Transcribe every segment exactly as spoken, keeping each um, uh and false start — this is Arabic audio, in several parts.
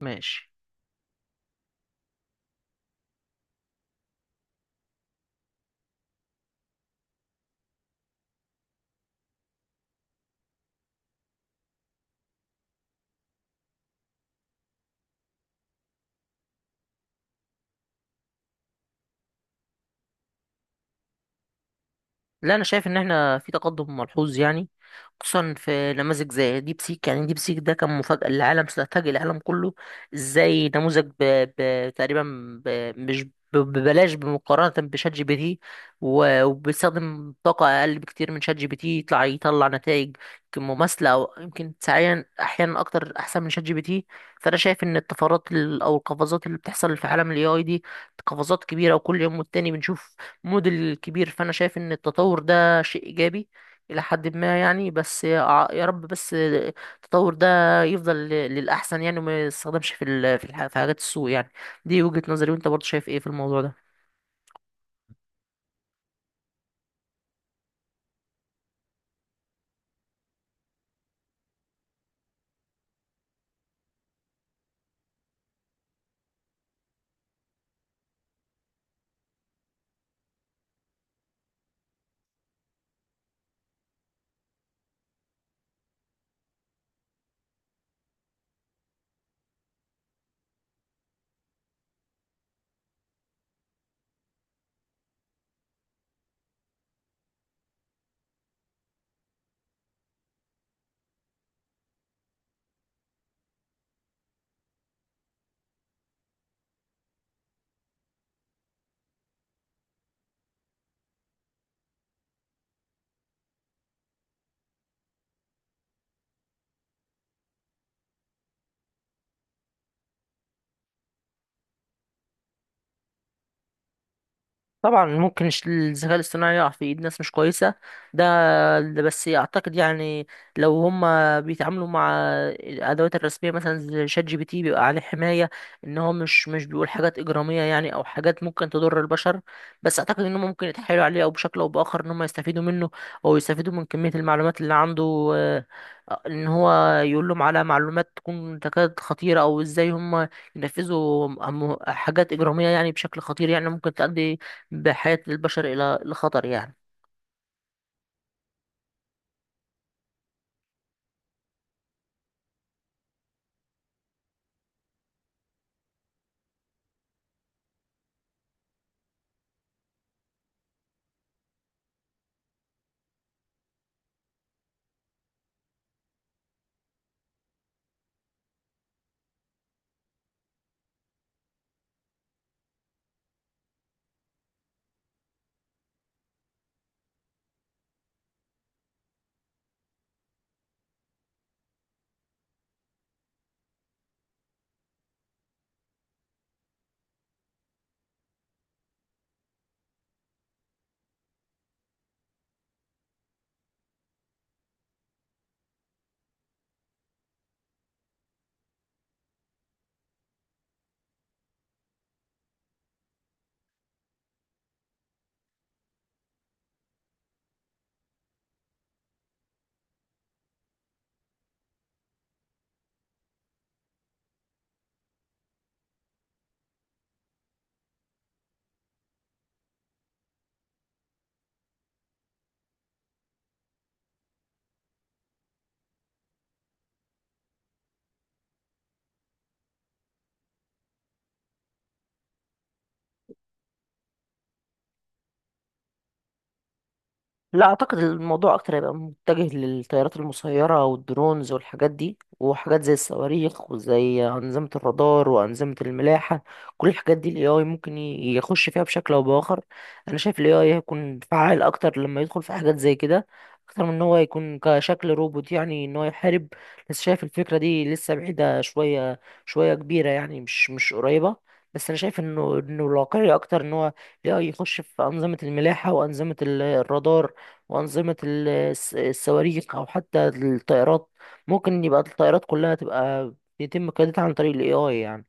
ماشي. لا، انا شايف ان احنا في تقدم ملحوظ يعني، خصوصا في نماذج زي ديب سيك. يعني ديب سيك ده كان مفاجأة للعالم، فاجئ العالم كله. ازاي نموذج ب... ب... تقريبا ب... مش ب- ببلاش بمقارنة بشات جي بي تي، و- وبيستخدم طاقة أقل بكتير من شات جي بي تي، يطلع يطلع نتائج يمكن مماثلة أو يمكن ساعيا أحيانا أكتر أحسن من شات جي بي تي. فأنا شايف إن الطفرات ال- أو القفزات اللي بتحصل في عالم ال إيه آي دي قفزات كبيرة، وكل يوم والتاني بنشوف موديل كبير. فانا شايف ان التطور ده شيء ايجابي الى حد ما يعني، بس يع- يا رب بس التطور ده يفضل ل- للاحسن يعني، وما يستخدمش في ال- في الح- في حاجات السوء يعني. دي وجهة نظري، وانت برضه شايف ايه في الموضوع ده؟ طبعا ممكن الش- الذكاء الاصطناعي يقع في ايد ناس مش كويسه. ده ده بس اعتقد يعني، لو هم بيتعاملوا مع الادوات الرسميه مثلا زي شات جي بي تي، بيبقى عليه حمايه ان هو مش مش بيقول حاجات اجراميه يعني، او حاجات ممكن تضر البشر. بس اعتقد ان هم ممكن يتحايلوا عليه، او بشكل او باخر ان هم يستفيدوا منه، او يستفيدوا من كميه المعلومات اللي عنده، آه، ان هو يقول لهم على معلومات تكون تكاد خطيره، او ازاي هم ينفذوا أم- حاجات اجراميه يعني بشكل خطير، يعني ممكن تؤدي بحياة البشر إلى الخطر يعني. لا، اعتقد الموضوع اكتر هيبقى متجه للطيارات المسيره والدرونز والحاجات دي، وحاجات زي الصواريخ، وزي انظمه الرادار، وانظمه الملاحه. كل الحاجات دي الاي اي ممكن ي- يخش فيها بشكل او باخر. انا شايف الاي اي هيكون فعال اكتر لما يدخل في حاجات زي كده، اكتر من ان هو يكون كشكل روبوت يعني ان هو يحارب. بس شايف الفكره دي لسه بعيده شويه، شويه كبيره يعني، مش مش قريبه. بس انا شايف انه انه الواقعي اكتر ان هو الاي اي يخش في انظمه الملاحه، وانظمه ال- الرادار، وأنظمة ال- الس- الصواريخ، أو حتى الطائرات. ممكن يبقى الطائرات كلها تبقى بيتم قيادتها عن طريق ال إيه آي يعني.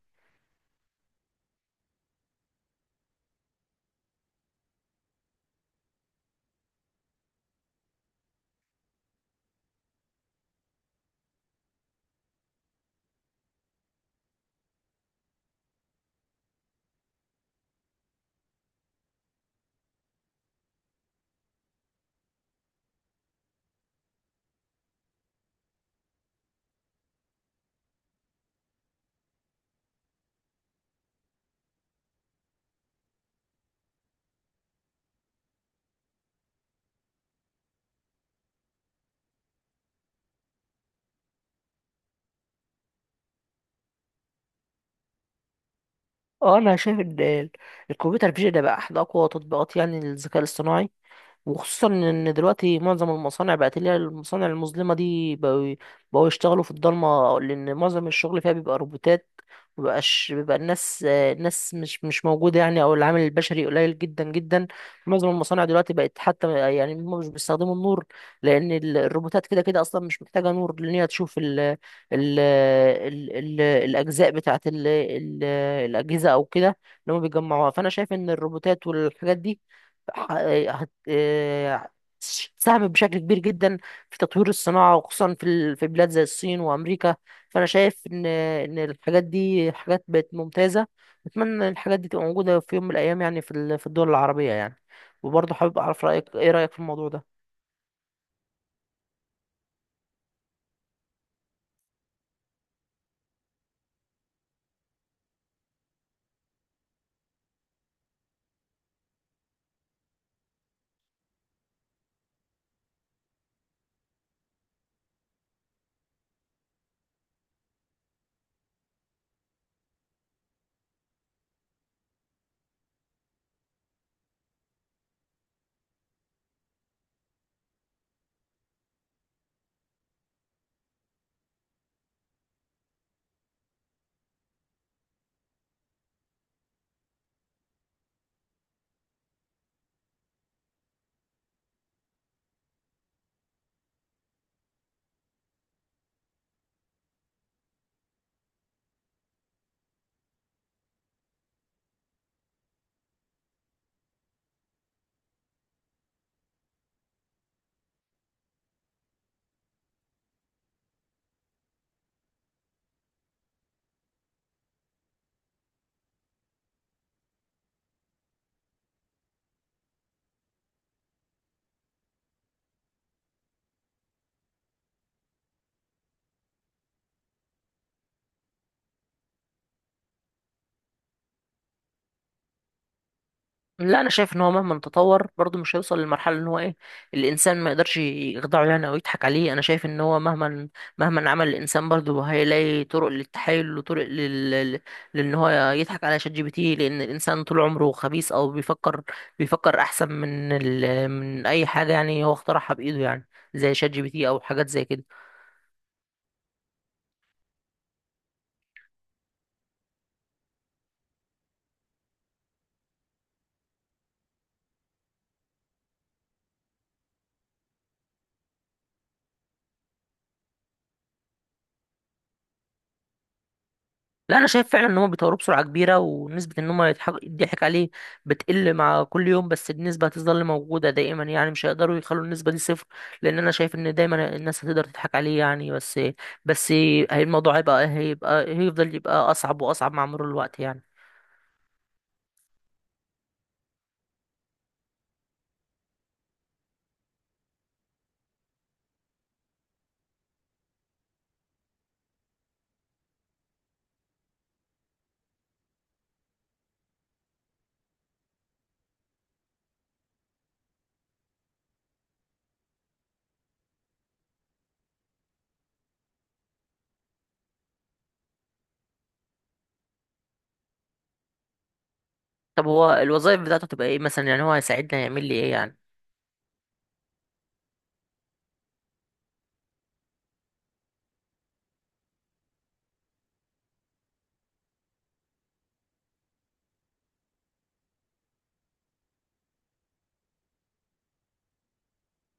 اه، انا شايف ان ال- الكمبيوتر فيجن ده بقى احد اقوى تطبيقات يعني الذكاء الاصطناعي. وخصوصا ان دلوقتي معظم المصانع بقت، اللي هي المصانع المظلمه دي، بقوا بقوا يشتغلوا في الضلمه، لان معظم الشغل فيها بيبقى روبوتات، مبقاش بيبقى الناس. آه، الناس مش مش موجوده يعني، او العامل البشري قليل جدا جدا. معظم المصانع دلوقتي بقت، حتى يعني هم مش بيستخدموا النور، لان ال- الروبوتات كده كده اصلا مش محتاجه نور، لان هي تشوف ال ال ال ال الاجزاء بتاعت ال ال الاجهزه او كده، اللي هم بيجمعوها. فانا شايف ان الروبوتات والحاجات دي ح- هت- آه، ساهمت بشكل كبير جدا في تطوير الصناعة، وخصوصا في ال- في بلاد زي الصين وأمريكا. فأنا شايف إن إن الحاجات دي حاجات بقت ممتازة. أتمنى إن الحاجات دي تبقى موجودة في يوم من الأيام يعني، في ال- في الدول العربية يعني. وبرضه حابب أعرف رأيك، إيه رأيك في الموضوع ده؟ لا، انا شايف ان هو مهما تطور برضه مش هيوصل للمرحله ان هو ايه، الانسان ما يقدرش يخدعه يعني او يضحك عليه. انا شايف ان هو مهما مهما عمل الانسان برضه هيلاقي طرق للتحايل، وطرق لل... لل- لان هو يضحك على شات جي بي تي، لان الانسان طول عمره خبيث، او بيفكر بيفكر احسن من ال... من اي حاجه يعني هو اخترعها بايده يعني، زي شات جي بي تي او حاجات زي كده. لا، انا شايف فعلا ان هم بيطوروه بسرعه كبيره، ونسبه ان هم يضحك يضحك عليه بتقل مع كل يوم. بس النسبه هتظل موجوده دائما يعني، مش هيقدروا يخلوا النسبه دي صفر، لان انا شايف ان دايما الناس هتقدر تضحك عليه يعني. بس بس هي- الموضوع هيبقى هيبقى هيفضل يبقى اصعب واصعب مع مرور الوقت يعني. طب هو الوظائف بتاعته تبقى ايه مثلا؟ يعني هو هيساعدنا يعمل لي ايه يعني؟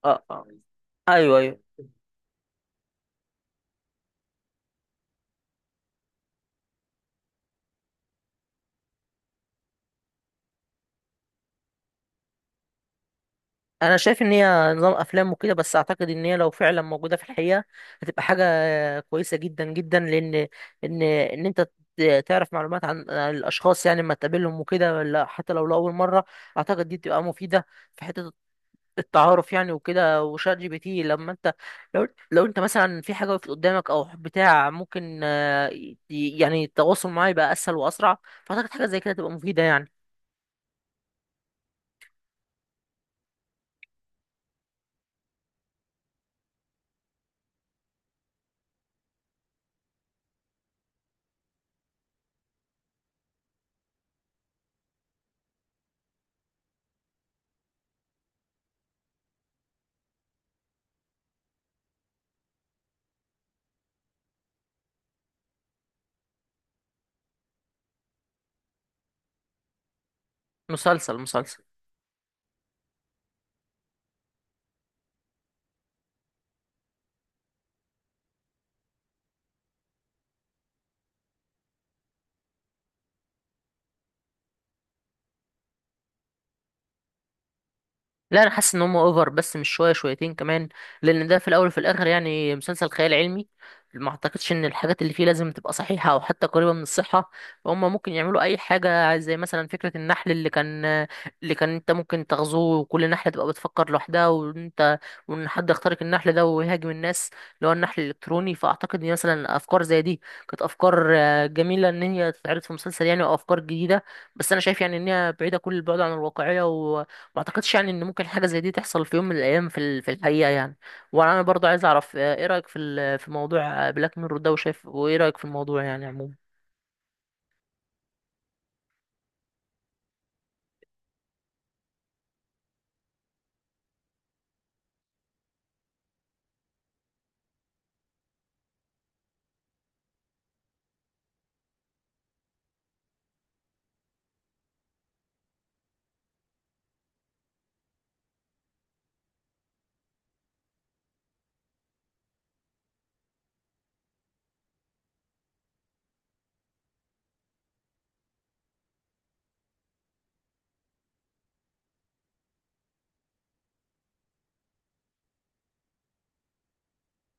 اه آه. ايوه، ايوه. انا شايف ان هي نظام افلام وكده، بس اعتقد ان هي لو فعلا موجوده في الحقيقه، هتبقى حاجه كويسه جدا جدا. لان ان ان انت ت- تعرف معلومات عن عن الاشخاص يعني لما تقابلهم وكده، ولا حتى لو لاول مره، اعتقد دي بتبقى مفيده في حته التعارف يعني وكده. وشات جي بي تي لما انت لو لو انت مثلا في حاجه وقفت قدامك او بتاع، ممكن آه، ي- يعني التواصل معاه يبقى اسهل واسرع. فاعتقد حاجه زي كده تبقى مفيده يعني. مسلسل، مسلسل. لا، انا حاسس ان هم اوفر، بس مش شويه، شويتين كمان. لان ده في الاول وفي الاخر يعني مسلسل خيال علمي، ما اعتقدش ان الحاجات اللي فيه لازم تبقى صحيحه او حتى قريبه من الصحه. فهم ممكن يعملوا اي حاجه، زي مثلا فكره النحل اللي كان اللي كان انت ممكن تغزوه، وكل نحله تبقى بتفكر لوحدها، وانت وان حد يخترق النحل ده ويهاجم الناس، اللي هو النحل الالكتروني. فاعتقد ان مثلا افكار زي دي كانت افكار آه، جميله ان هي تتعرض في مسلسل يعني، وافكار جديده. بس انا شايف يعني ان هي بعيده كل البعد عن الواقعيه. ما اعتقدش يعني ان ممكن حاجه زي دي تحصل في يوم من الايام في ال- في الحقيقه يعني. وانا برضو عايز اعرف آه، ايه رايك في ال- في موضوع بلاك ميرور ده، وشايف وايه رايك في الموضوع يعني عموما؟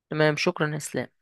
تمام. شكرا يا اسلام.